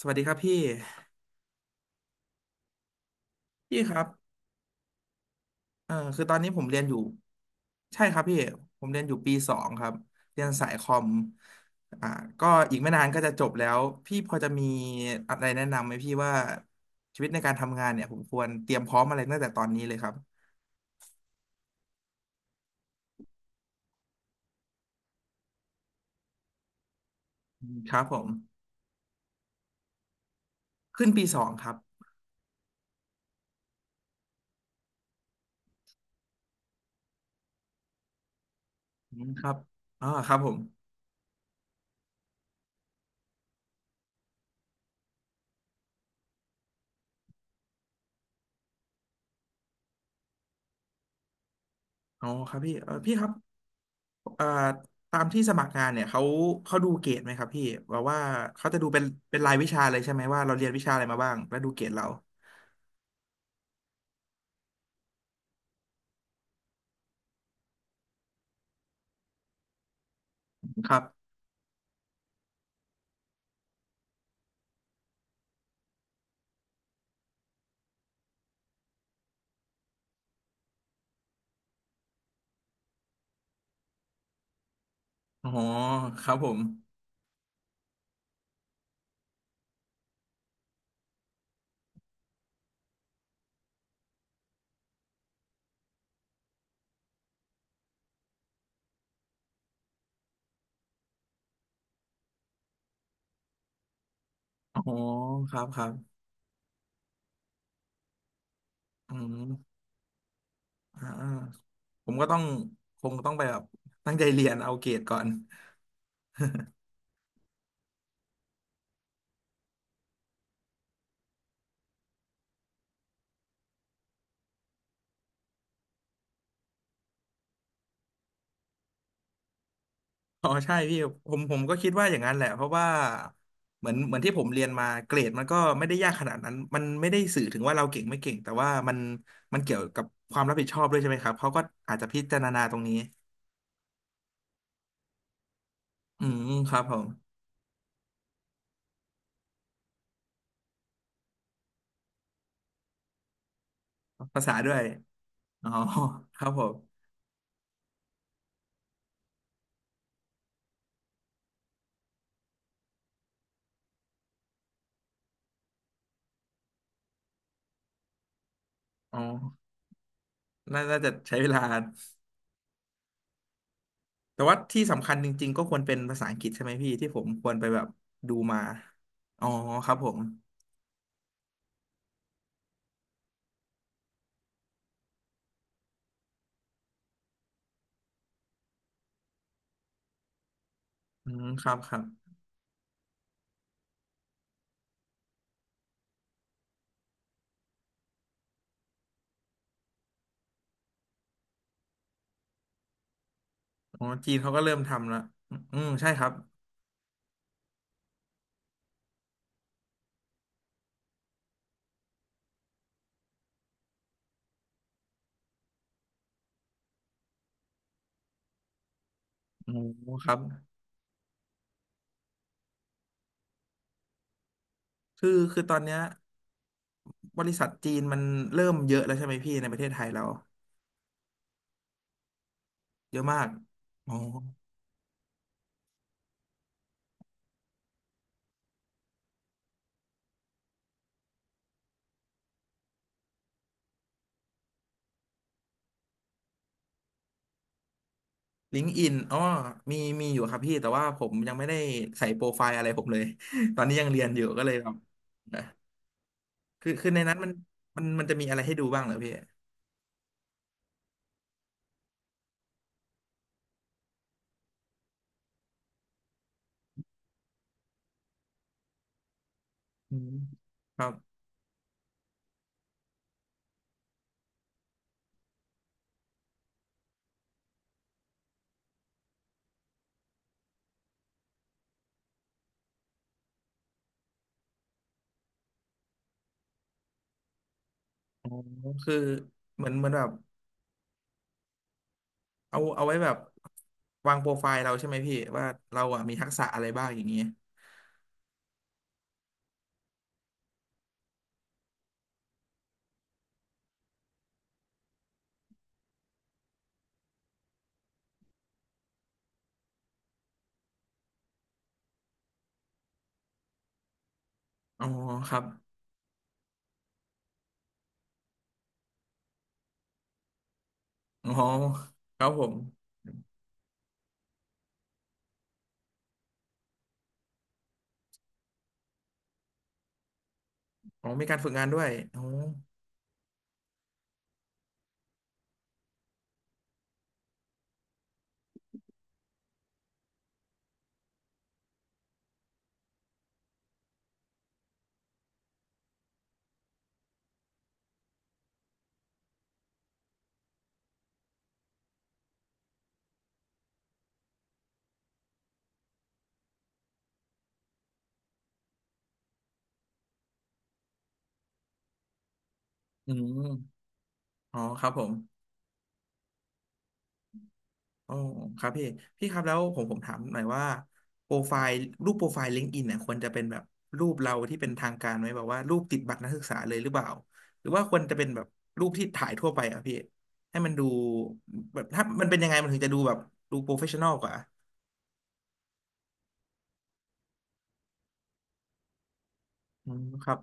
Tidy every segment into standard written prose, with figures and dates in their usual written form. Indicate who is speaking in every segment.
Speaker 1: สวัสดีครับพี่พี่ครับคือตอนนี้ผมเรียนอยู่ใช่ครับพี่ผมเรียนอยู่ปีสองครับเรียนสายคอมอ่าก็อีกไม่นานก็จะจบแล้วพี่พอจะมีอะไรแนะนำไหมพี่ว่าชีวิตในการทำงานเนี่ยผมควรเตรียมพร้อมอะไรตั้งแต่ตอนนี้เลยครับอืมครับผมขึ้นปีสองครับอืมครับอ๋อครับผมอ๋อครับพี่เออพี่ครับ เอ่อตามที่สมัครงานเนี่ยเขาดูเกรดไหมครับพี่แบบว่าเขาจะดูเป็นเป็นรายวิชาเลยใช่ไหมว่าเราเรียนวิชาอะไรมาบ้างแล้วดูเกรดเราครับอ๋อครับผมอ๋อครับครับอืมอ่าผมก็ต้องคงต้องไปแบบตั้งใจเรียนเอาเกรดก่อน อ๋อใช่พี่ผมก็คิดว่าอย่างนั้นแหละเพราะว่าเหมือนเหมือนที่ผมเรียนมาเกรดมันก็ไม่ได้ยากขนาดนั้นมันไม่ได้สื่อถึงว่าเราเก่งไม่เก่งแต่ว่ามันมันเกี่ยวกับความรับผิดชอบด้วยใช่ไหมครับเขาก็อาจจะพิจารณาตรงนี้อืมครับผมภาษาด้วยอ๋อครับผมอ๋อน่าน่าจะใช้เวลาแต่ว่าที่สำคัญจริงๆก็ควรเป็นภาษาอังกฤษใช่ไหมพี่ที่ผมควรไปแบบดูมาอ๋อครับผมอืมครับครับอ๋อจีนเขาก็เริ่มทำแล้วอืมใช่ครับ อ๋อครับ คือคือตอนเนี้ยบริษัทจีนมันเริ่มเยอะแล้วใช่ไหมพี่ ในประเทศไทยเราเยอะมากอ๋อลิงก์อิน อ๋อ มี มีอยู่ครับพี่ แต่ว่าผมยังไม่ได้ใส่โปรไฟล์อะไรผมเลย ตอนนี้ยังเรียนอยู่ก็เลยแบบนะคือคือ ในนั้นมันมันจะมีอะไรให้ดูบ้างเหรอพี่อืมครับอ๋อคือเหมือนเหมือนแบบ เอาเอาไว้แบบวางโปรไฟล์เราใช่ไหมพี่ว่าเราอ่ะมีทักษะอะไรบ้างอย่างเงี้ยอ๋อครับอ๋อครับผม อ๋อ มีการฝึกงานด้วยอ๋ออืมอ๋อครับผม อ๋อครับพี่ พี่ครับแล้วผมถามหน่อยว่าโปรไฟล์รูปโปรไฟล์ลิงก์อินเนี่ยควรจะเป็นแบบรูปเราที่เป็นทางการไหม แบบว่ารูปติดบัตรนักศึกษาเลยหรือเปล่า หรือว่าควรจะเป็นแบบรูปที่ถ่ายทั่วไปอ่ะพี่ ให้มันดูแบบถ้ามันเป็นยังไงมันถึงจะดูแบบดูโปรเฟชชั่นอลกว่าอืมครับ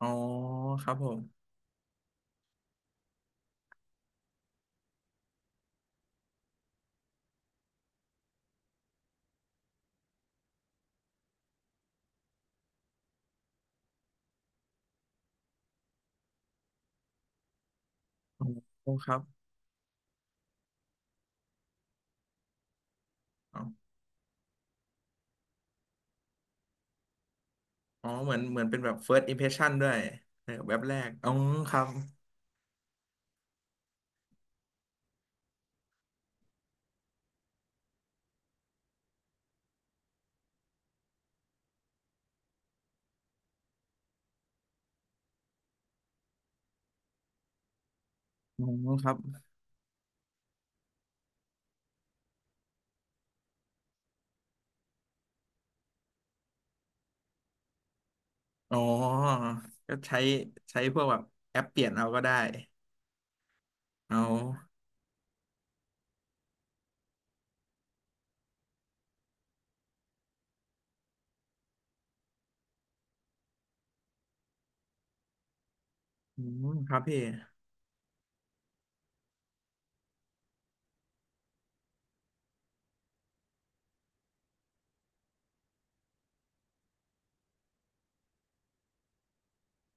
Speaker 1: อ๋อครับผมอ๋อโอ้ครับอ๋ออ๋อเหมือนเหมือนเป็นแบบ first impression ด้วยเออแบบแรกอ๋อครับอ๋อครับ อ๋อก็ใช้ใช้พวกแบบแอปเปลี่ยนเอาก็ได้เอาอืมครับพี่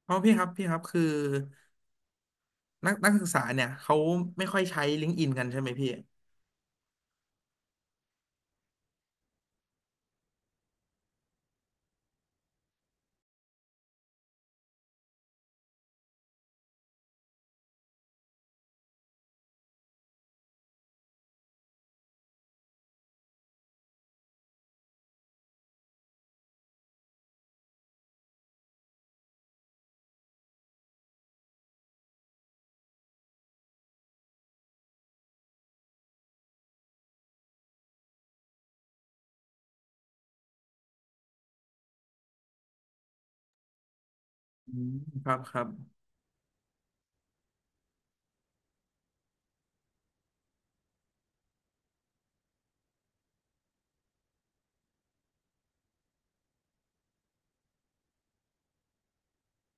Speaker 1: เพราะพี่ครับพี่ครับคือนักนักศึกษาเนี่ยเขาไม่ค่อยใช้ลิงก์อินกันใช่ไหมพี่อืมครับครับ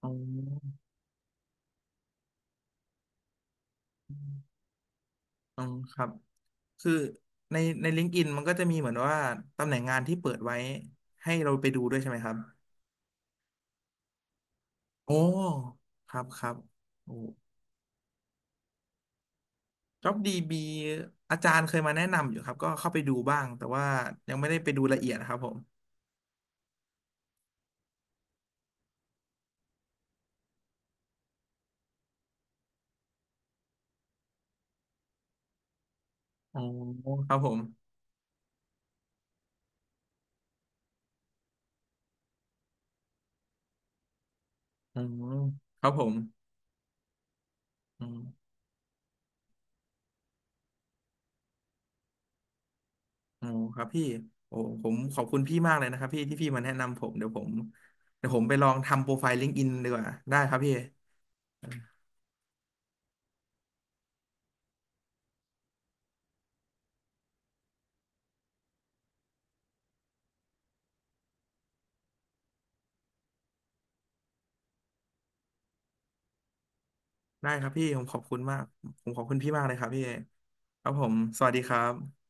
Speaker 1: อ๋ออ๋อครับ คือในในลิงก์อินมันก็จะมีเหมือนว่าตำแหน่งงานที่เปิดไว้ให้เราไปดูด้วยใช่ไหมครับโอ้ครับครับโอ้ JobDB อาจารย์เคยมาแนะนำอยู่ครับก็เข้าไปดูบ้างแต่ว่ายังไม่ได้ไปดูละเอียดครับผม อ๋อครับผมอ๋อครับผมอมออ๋อครับพี่โอ้ผมขอบคุณพี่มากเลยนะครับพี่ที่พี่มาแนะนำผมเดี๋ยวผมไปลองทำโปรไฟล์ลิงก์อินดีกว่าได้ครับพี่ได้ครับพี่ผมขอบคุณมากผมขอบคุณพี่มากเลยครับพี่ครับผมสวัสดีครับ